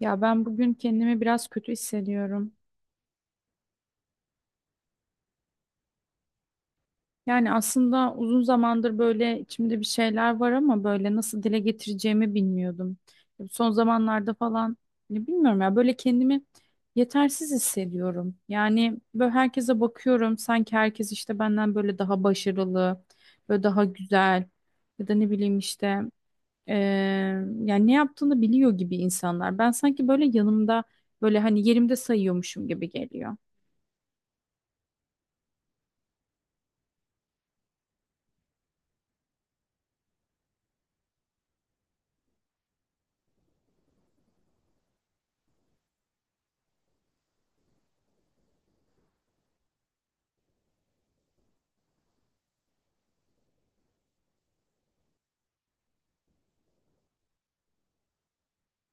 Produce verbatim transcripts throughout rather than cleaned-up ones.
Ya ben bugün kendimi biraz kötü hissediyorum. Yani aslında uzun zamandır böyle içimde bir şeyler var ama böyle nasıl dile getireceğimi bilmiyordum. Son zamanlarda falan ne bilmiyorum ya böyle kendimi yetersiz hissediyorum. Yani böyle herkese bakıyorum sanki herkes işte benden böyle daha başarılı, böyle daha güzel ya da ne bileyim işte eee, yani ne yaptığını biliyor gibi insanlar. Ben sanki böyle yanımda böyle hani yerimde sayıyormuşum gibi geliyor.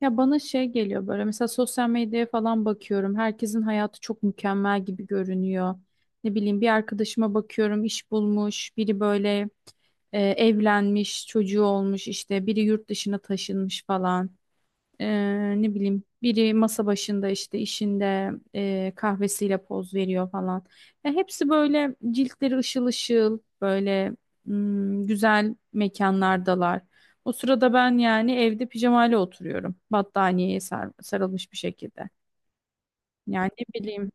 Ya bana şey geliyor böyle mesela sosyal medyaya falan bakıyorum. Herkesin hayatı çok mükemmel gibi görünüyor. Ne bileyim bir arkadaşıma bakıyorum iş bulmuş, biri böyle e, evlenmiş, çocuğu olmuş işte biri yurt dışına taşınmış falan. Ee, ne bileyim biri masa başında işte işinde e, kahvesiyle poz veriyor falan. Ya hepsi böyle ciltleri ışıl ışıl böyle hmm, güzel mekanlardalar. O sırada ben yani evde pijamayla oturuyorum. Battaniyeye sar- sarılmış bir şekilde. Yani ne bileyim.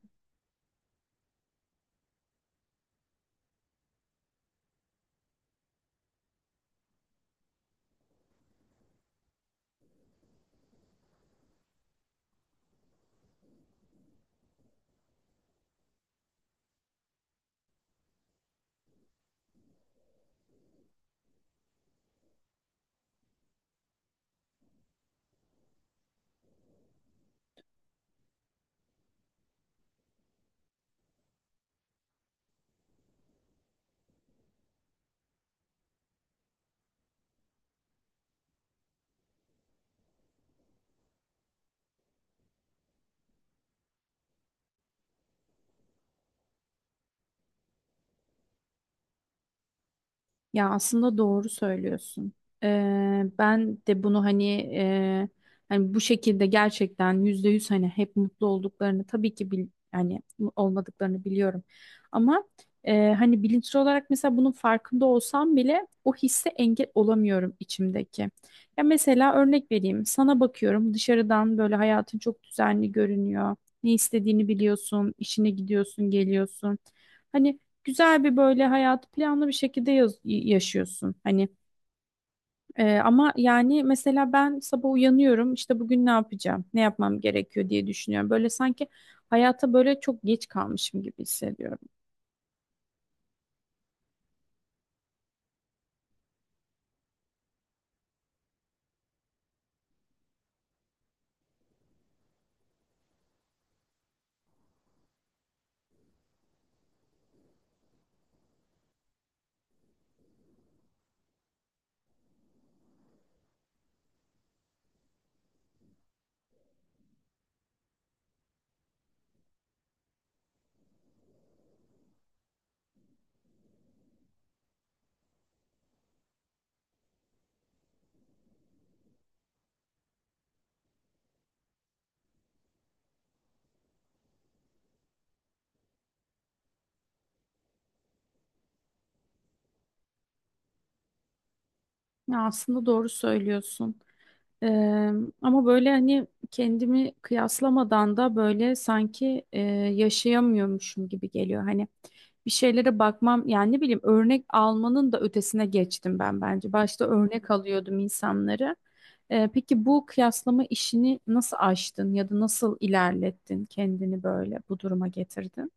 Ya aslında doğru söylüyorsun. Ee, ben de bunu hani e, hani bu şekilde gerçekten yüzde yüz hani hep mutlu olduklarını tabii ki bil, hani olmadıklarını biliyorum. Ama e, hani bilinçli olarak mesela bunun farkında olsam bile o hisse engel olamıyorum içimdeki. Ya mesela örnek vereyim. Sana bakıyorum dışarıdan böyle hayatın çok düzenli görünüyor. Ne istediğini biliyorsun, işine gidiyorsun, geliyorsun. Hani güzel bir böyle hayatı planlı bir şekilde yaz- yaşıyorsun. Hani e, ama yani mesela ben sabah uyanıyorum işte bugün ne yapacağım, ne yapmam gerekiyor diye düşünüyorum. Böyle sanki hayata böyle çok geç kalmışım gibi hissediyorum. Ya aslında doğru söylüyorsun. Eee, ama böyle hani kendimi kıyaslamadan da böyle sanki eee, yaşayamıyormuşum gibi geliyor. Hani bir şeylere bakmam yani ne bileyim örnek almanın da ötesine geçtim ben bence. Başta örnek alıyordum insanları. Eee, peki bu kıyaslama işini nasıl aştın ya da nasıl ilerlettin kendini böyle bu duruma getirdin?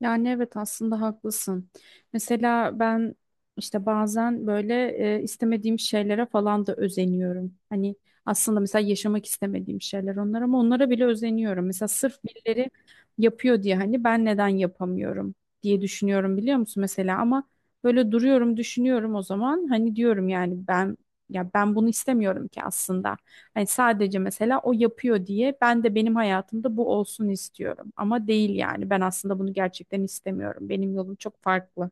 Yani evet aslında haklısın. Mesela ben işte bazen böyle e, istemediğim şeylere falan da özeniyorum. Hani aslında mesela yaşamak istemediğim şeyler onlar ama onlara bile özeniyorum. Mesela sırf birileri yapıyor diye hani ben neden yapamıyorum diye düşünüyorum biliyor musun mesela ama böyle duruyorum düşünüyorum o zaman hani diyorum yani ben ya ben bunu istemiyorum ki aslında. Hani sadece mesela o yapıyor diye ben de benim hayatımda bu olsun istiyorum. Ama değil yani ben aslında bunu gerçekten istemiyorum. Benim yolum çok farklı.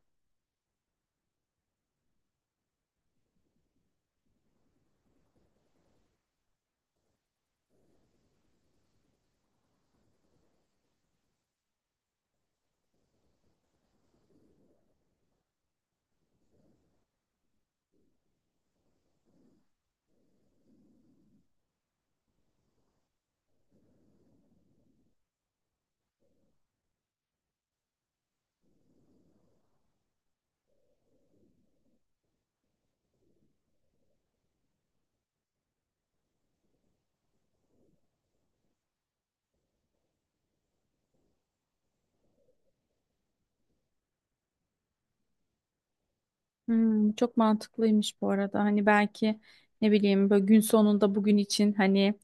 Hmm, çok mantıklıymış bu arada. Hani belki ne bileyim böyle gün sonunda bugün için hani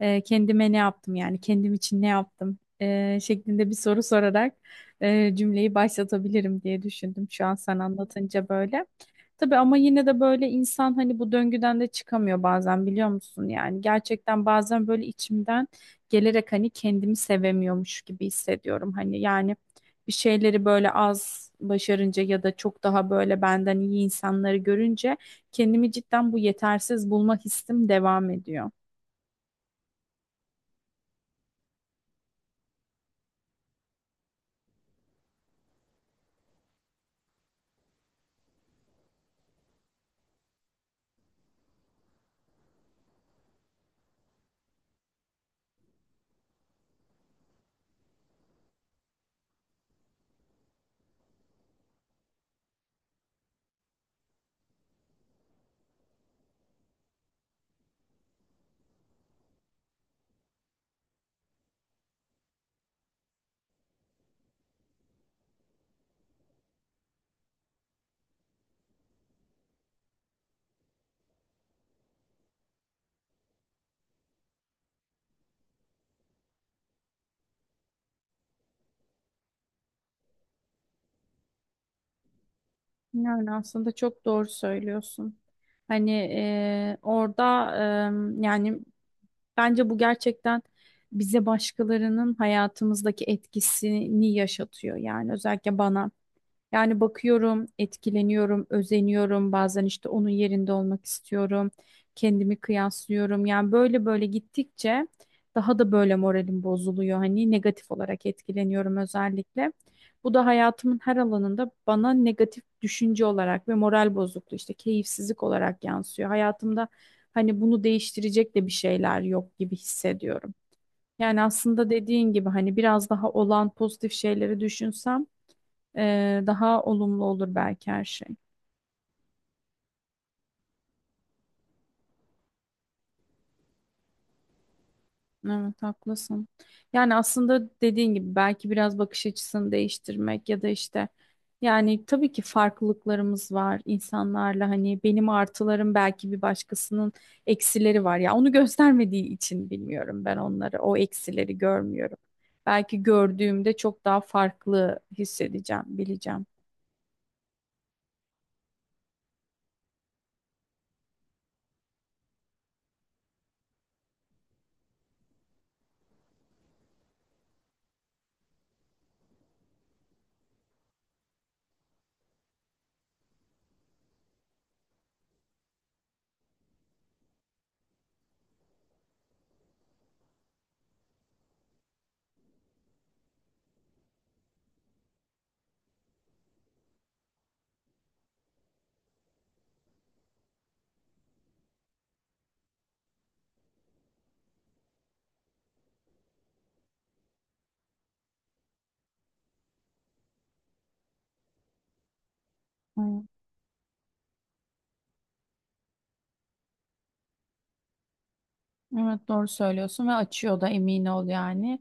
e, kendime ne yaptım yani kendim için ne yaptım e, şeklinde bir soru sorarak e, cümleyi başlatabilirim diye düşündüm şu an sen anlatınca böyle. Tabii ama yine de böyle insan hani bu döngüden de çıkamıyor bazen biliyor musun? Yani gerçekten bazen böyle içimden gelerek hani kendimi sevemiyormuş gibi hissediyorum. Hani yani bir şeyleri böyle az başarınca ya da çok daha böyle benden iyi insanları görünce kendimi cidden bu yetersiz bulma hissim devam ediyor. Yani aslında çok doğru söylüyorsun. Hani e, orada e, yani bence bu gerçekten bize başkalarının hayatımızdaki etkisini yaşatıyor. Yani özellikle bana. Yani bakıyorum, etkileniyorum, özeniyorum. Bazen işte onun yerinde olmak istiyorum. Kendimi kıyaslıyorum. Yani böyle böyle gittikçe daha da böyle moralim bozuluyor. Hani negatif olarak etkileniyorum özellikle. Bu da hayatımın her alanında bana negatif düşünce olarak ve moral bozukluğu işte keyifsizlik olarak yansıyor. Hayatımda hani bunu değiştirecek de bir şeyler yok gibi hissediyorum. Yani aslında dediğin gibi hani biraz daha olan pozitif şeyleri düşünsem e, daha olumlu olur belki her şey. Evet haklısın. Yani aslında dediğin gibi belki biraz bakış açısını değiştirmek ya da işte yani tabii ki farklılıklarımız var insanlarla hani benim artılarım belki bir başkasının eksileri var ya onu göstermediği için bilmiyorum ben onları o eksileri görmüyorum. Belki gördüğümde çok daha farklı hissedeceğim, bileceğim. Evet. Evet doğru söylüyorsun ve açıyor da emin ol yani.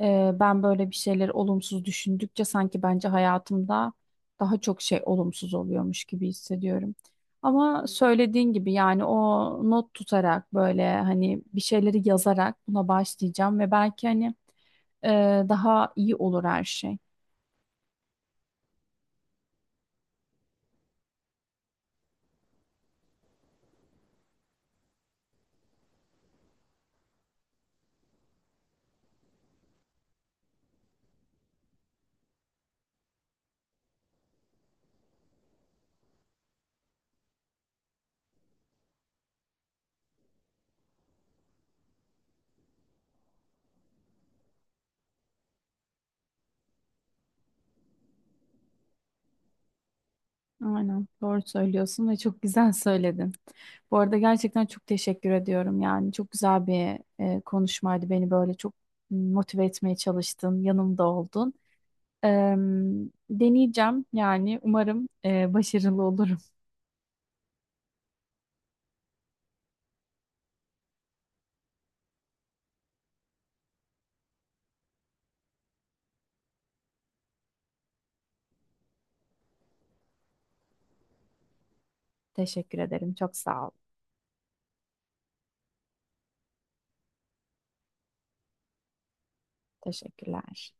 Ee, ben böyle bir şeyler olumsuz düşündükçe sanki bence hayatımda daha çok şey olumsuz oluyormuş gibi hissediyorum. Ama söylediğin gibi yani o not tutarak böyle hani bir şeyleri yazarak buna başlayacağım ve belki hani e, daha iyi olur her şey. Aynen doğru söylüyorsun ve çok güzel söyledin. Bu arada gerçekten çok teşekkür ediyorum. Yani çok güzel bir e, konuşmaydı. Beni böyle çok motive etmeye çalıştın, yanımda oldun. Eee, deneyeceğim yani umarım e, başarılı olurum. Teşekkür ederim. Çok sağ ol. Teşekkürler.